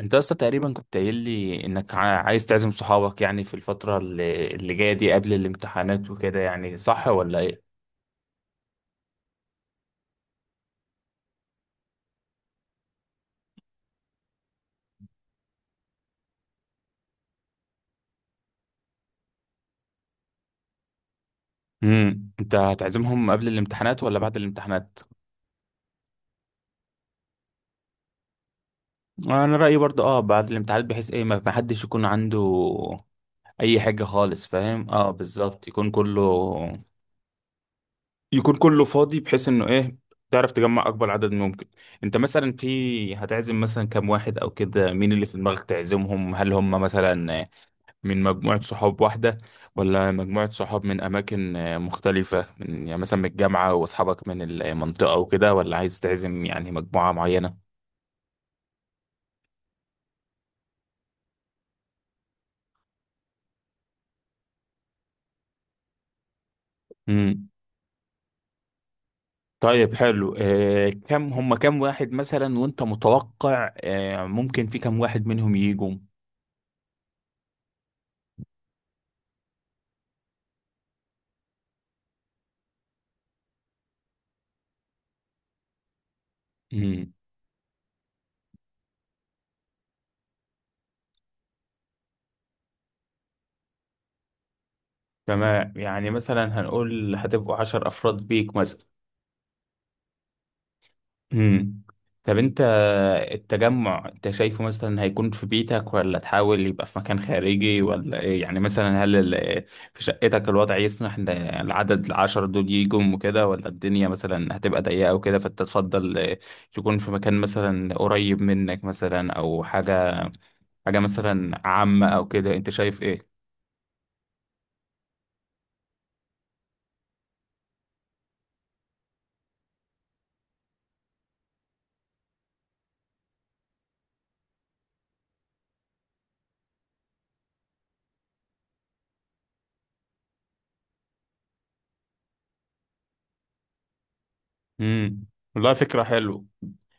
انت اصلا تقريبا كنت قايل لي انك عايز تعزم صحابك يعني في الفترة اللي جاية دي قبل الامتحانات وكده يعني صح ولا ايه؟ انت هتعزمهم قبل الامتحانات ولا بعد الامتحانات؟ انا رأيي برضه اه بعد الامتحانات بحيث ايه ما حدش يكون عنده اي حاجة خالص فاهم؟ اه بالظبط يكون كله فاضي بحيث انه ايه تعرف تجمع اكبر عدد ممكن. انت مثلا في هتعزم مثلا كام واحد او كده، مين اللي في دماغك تعزمهم؟ هل هم مثلا من مجموعة صحاب واحدة، ولا مجموعة صحاب من أماكن مختلفة، من يعني مثلا من الجامعة وأصحابك من المنطقة وكده، ولا عايز تعزم يعني مجموعة معينة؟ مم. طيب حلو، كم هم، كم واحد مثلا، وأنت متوقع ممكن في كم واحد منهم يجوا؟ مم. تمام، يعني مثلا هنقول هتبقوا 10 أفراد بيك مثلا. امم طب انت التجمع انت شايفه مثلا هيكون في بيتك ولا تحاول يبقى في مكان خارجي ولا ايه؟ يعني مثلا في شقتك الوضع يسمح ان العدد ال10 دول يجوا وكده، ولا الدنيا مثلا هتبقى ضيقة وكده فانت تفضل يكون في مكان مثلا قريب منك، مثلا او حاجة مثلا عامة او كده؟ انت شايف ايه؟ امم والله فكرة حلوة.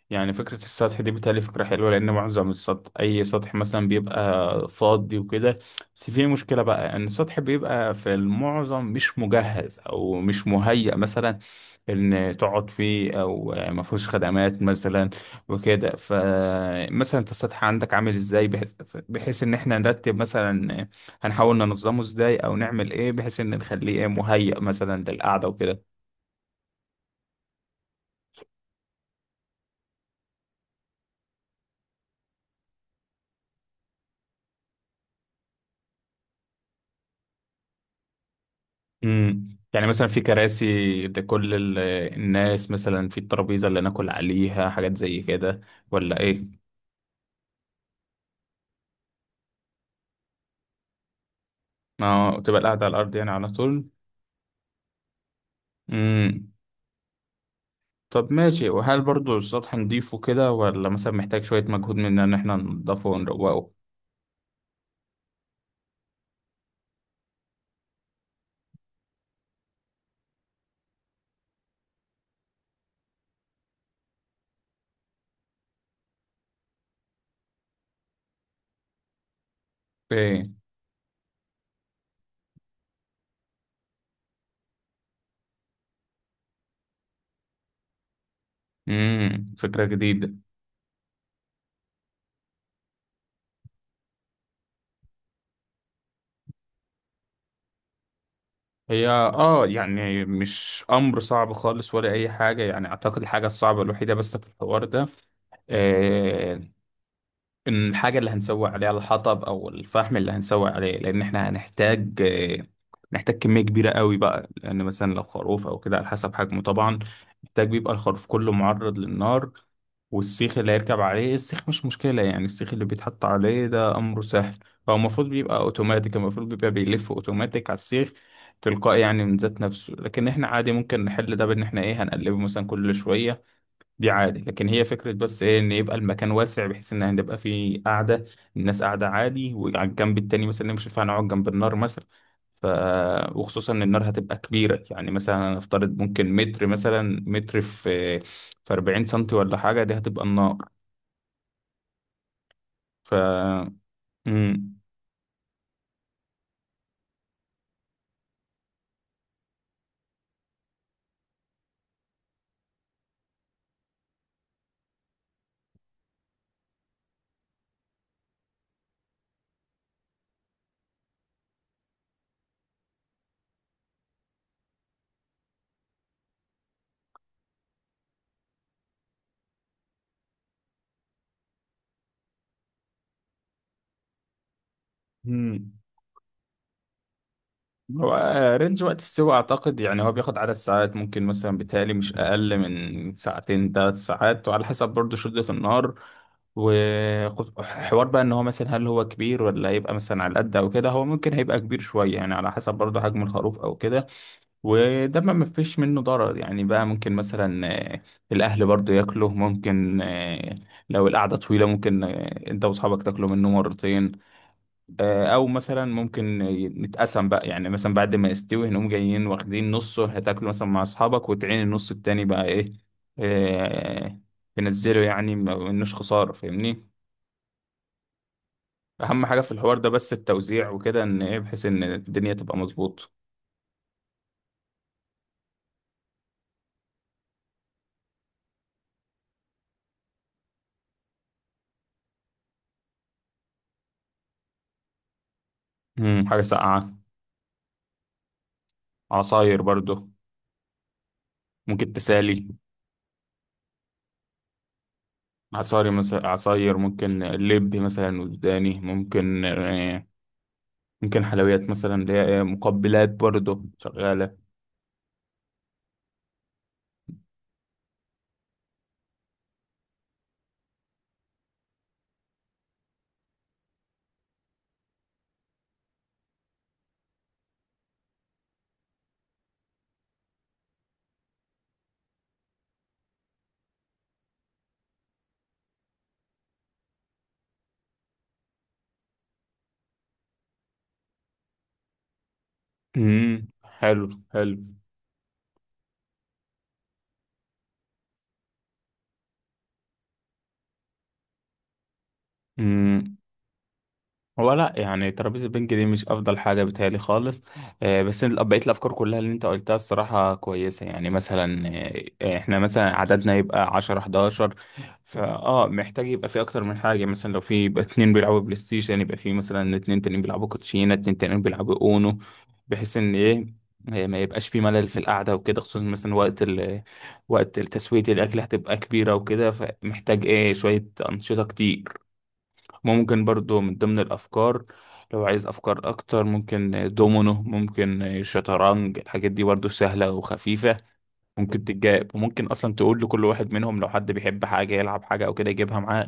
يعني فكرة السطح دي بتهيألي فكرة حلوة، لأن معظم السطح، أي سطح مثلا، بيبقى فاضي وكده. بس في مشكلة بقى، إن السطح بيبقى في المعظم مش مجهز أو مش مهيأ مثلا إن تقعد فيه، أو ما فيهوش خدمات مثلا وكده. فمثلا أنت السطح عندك عامل إزاي، بحيث إن إحنا نرتب مثلا، هنحاول ننظمه إزاي أو نعمل إيه بحيث إن نخليه إيه، مهيأ مثلا للقعدة وكده؟ امم، يعني مثلا في كراسي لكل الناس مثلا؟ في الترابيزة اللي ناكل عليها، حاجات زي كده ولا ايه؟ اه، تبقى القعدة على الارض يعني على طول. امم. طب ماشي، وهل برضو السطح نضيفه كده، ولا مثلا محتاج شوية مجهود مننا ان احنا ننضفه ونروقه؟ ايه. امم، فكرة جديدة. هي اه يعني مش امر صعب خالص ولا اي حاجة. يعني اعتقد الحاجة الصعبة الوحيدة بس في الحوار ده، آه، إن الحاجة اللي هنسوي عليها الحطب أو الفحم اللي هنسوي عليه، لأن إحنا هنحتاج، نحتاج كمية كبيرة قوي بقى، لأن مثلا لو خروف أو كده على حسب حجمه طبعا، محتاج بيبقى الخروف كله معرض للنار. والسيخ اللي هيركب عليه، السيخ مش مشكلة يعني، السيخ اللي بيتحط عليه ده أمره سهل. هو المفروض بيبقى أوتوماتيك، المفروض بيبقى بيلف أوتوماتيك على السيخ تلقائي يعني من ذات نفسه. لكن إحنا عادي ممكن نحل ده بإن إحنا إيه، هنقلبه مثلا كل شوية. دي عادي. لكن هي فكرة بس ايه، ان يبقى المكان واسع بحيث ان هنبقى فيه قاعدة، الناس قاعدة عادي، وعلى الجنب التاني مثلا، مش ينفع نقعد جنب النار مثلا. ف وخصوصا ان النار هتبقى كبيرة، يعني مثلا نفترض ممكن متر مثلا، متر في 40 سنتي ولا حاجة، دي هتبقى النار. ف مم. مم. هو رينج وقت السوق اعتقد يعني، هو بياخد عدد ساعات، ممكن مثلا بيتهيألي مش اقل من ساعتين 3 ساعات، وعلى حسب برضه شدة النار وحوار بقى ان هو مثلا هل هو كبير ولا هيبقى مثلا على قد او كده. هو ممكن هيبقى كبير شويه يعني، على حسب برضه حجم الخروف او كده. وده ما مفيش منه ضرر يعني بقى. ممكن مثلا، آه، الاهل برضه ياكله. ممكن لو القعده طويله، ممكن انت واصحابك تاكلوا منه مرتين. او مثلا ممكن نتقسم بقى، يعني مثلا بعد ما يستوي هنقوم جايين واخدين نصه هتاكله مثلا مع اصحابك، وتعين النص التاني بقى ايه، آه، تنزله يعني، ما منوش خسارة فاهمني. اهم حاجة في الحوار ده بس التوزيع وكده، ان ايه، بحيث ان الدنيا تبقى مظبوط. مم، حاجة ساقعة. عصاير برضو ممكن تسالي. عصاري مثلا، عصاير، ممكن لب مثلا وجداني، ممكن ممكن حلويات مثلا، اللي هي إيه، مقبلات برضو شغالة. امم، حلو حلو. امم، هو لا يعني ترابيزة البنج دي مش أفضل حاجة بتهيألي خالص. بس بقية الأفكار كلها اللي أنت قلتها الصراحة كويسة. يعني مثلا إحنا مثلا عددنا يبقى 10 11، فأه محتاج يبقى في أكتر من حاجة. مثلا لو في يبقى اتنين بيلعبوا بلاي ستيشن، يبقى في مثلا اتنين تانيين بيلعبوا كوتشينة، اتنين تانيين بيلعبوا أونو، بحيث إن إيه، ما يبقاش في ملل في القعدة وكده، خصوصا مثلا وقت تسوية الأكل هتبقى كبيرة وكده، فمحتاج إيه شوية أنشطة كتير. ممكن برضو من ضمن الأفكار، لو عايز أفكار أكتر، ممكن دومينو، ممكن شطرنج، الحاجات دي برضو سهلة وخفيفة ممكن تتجاب. وممكن أصلا تقول لكل واحد منهم لو حد بيحب حاجة يلعب حاجة أو كده يجيبها معاه.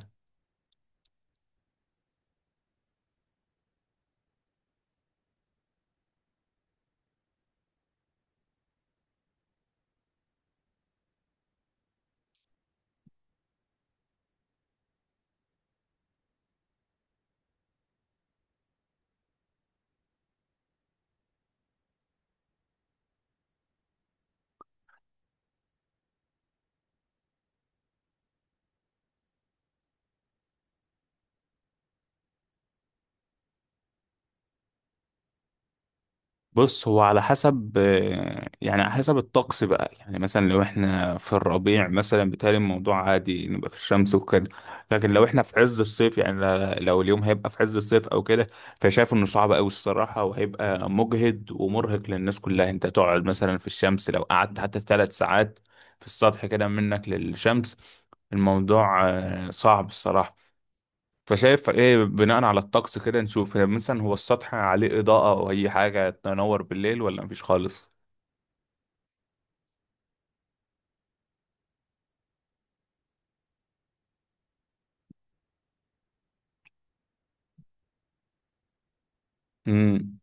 بص، هو على حسب يعني على حسب الطقس بقى. يعني مثلا لو احنا في الربيع مثلا، بيتهيألي الموضوع عادي، نبقى في الشمس وكده. لكن لو احنا في عز الصيف، يعني لو اليوم هيبقى في عز الصيف او كده، فشايف انه صعب قوي الصراحة، وهيبقى مجهد ومرهق للناس كلها انت تقعد مثلا في الشمس. لو قعدت حتى 3 ساعات في السطح كده منك للشمس، الموضوع صعب الصراحة. فشايف ايه بناء على الطقس كده نشوف؟ هي مثلا، هو السطح عليه إضاءة أو أي حاجة تنور بالليل، ولا مفيش خالص؟ امم.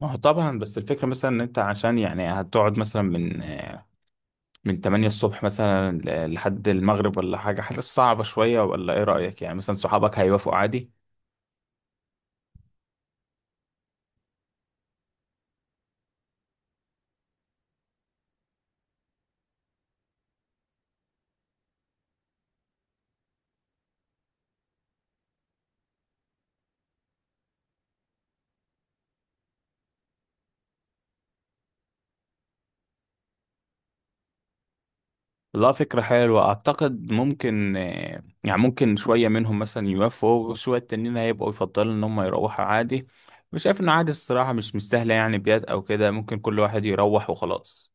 ما هو طبعا. بس الفكرة مثلا ان انت عشان يعني هتقعد مثلا من 8 الصبح مثلا لحد المغرب ولا حاجة، حاسس صعبة شوية، ولا ايه رأيك؟ يعني مثلا صحابك هيوافقوا عادي؟ لا، فكرة حلوة أعتقد. ممكن يعني ممكن شوية منهم مثلا يوافقوا، وشوية التانيين هيبقوا يفضلوا إن هم يروحوا عادي. وشايف إنه عادي الصراحة، مش مستاهلة يعني بيات أو كده، ممكن كل واحد يروح وخلاص.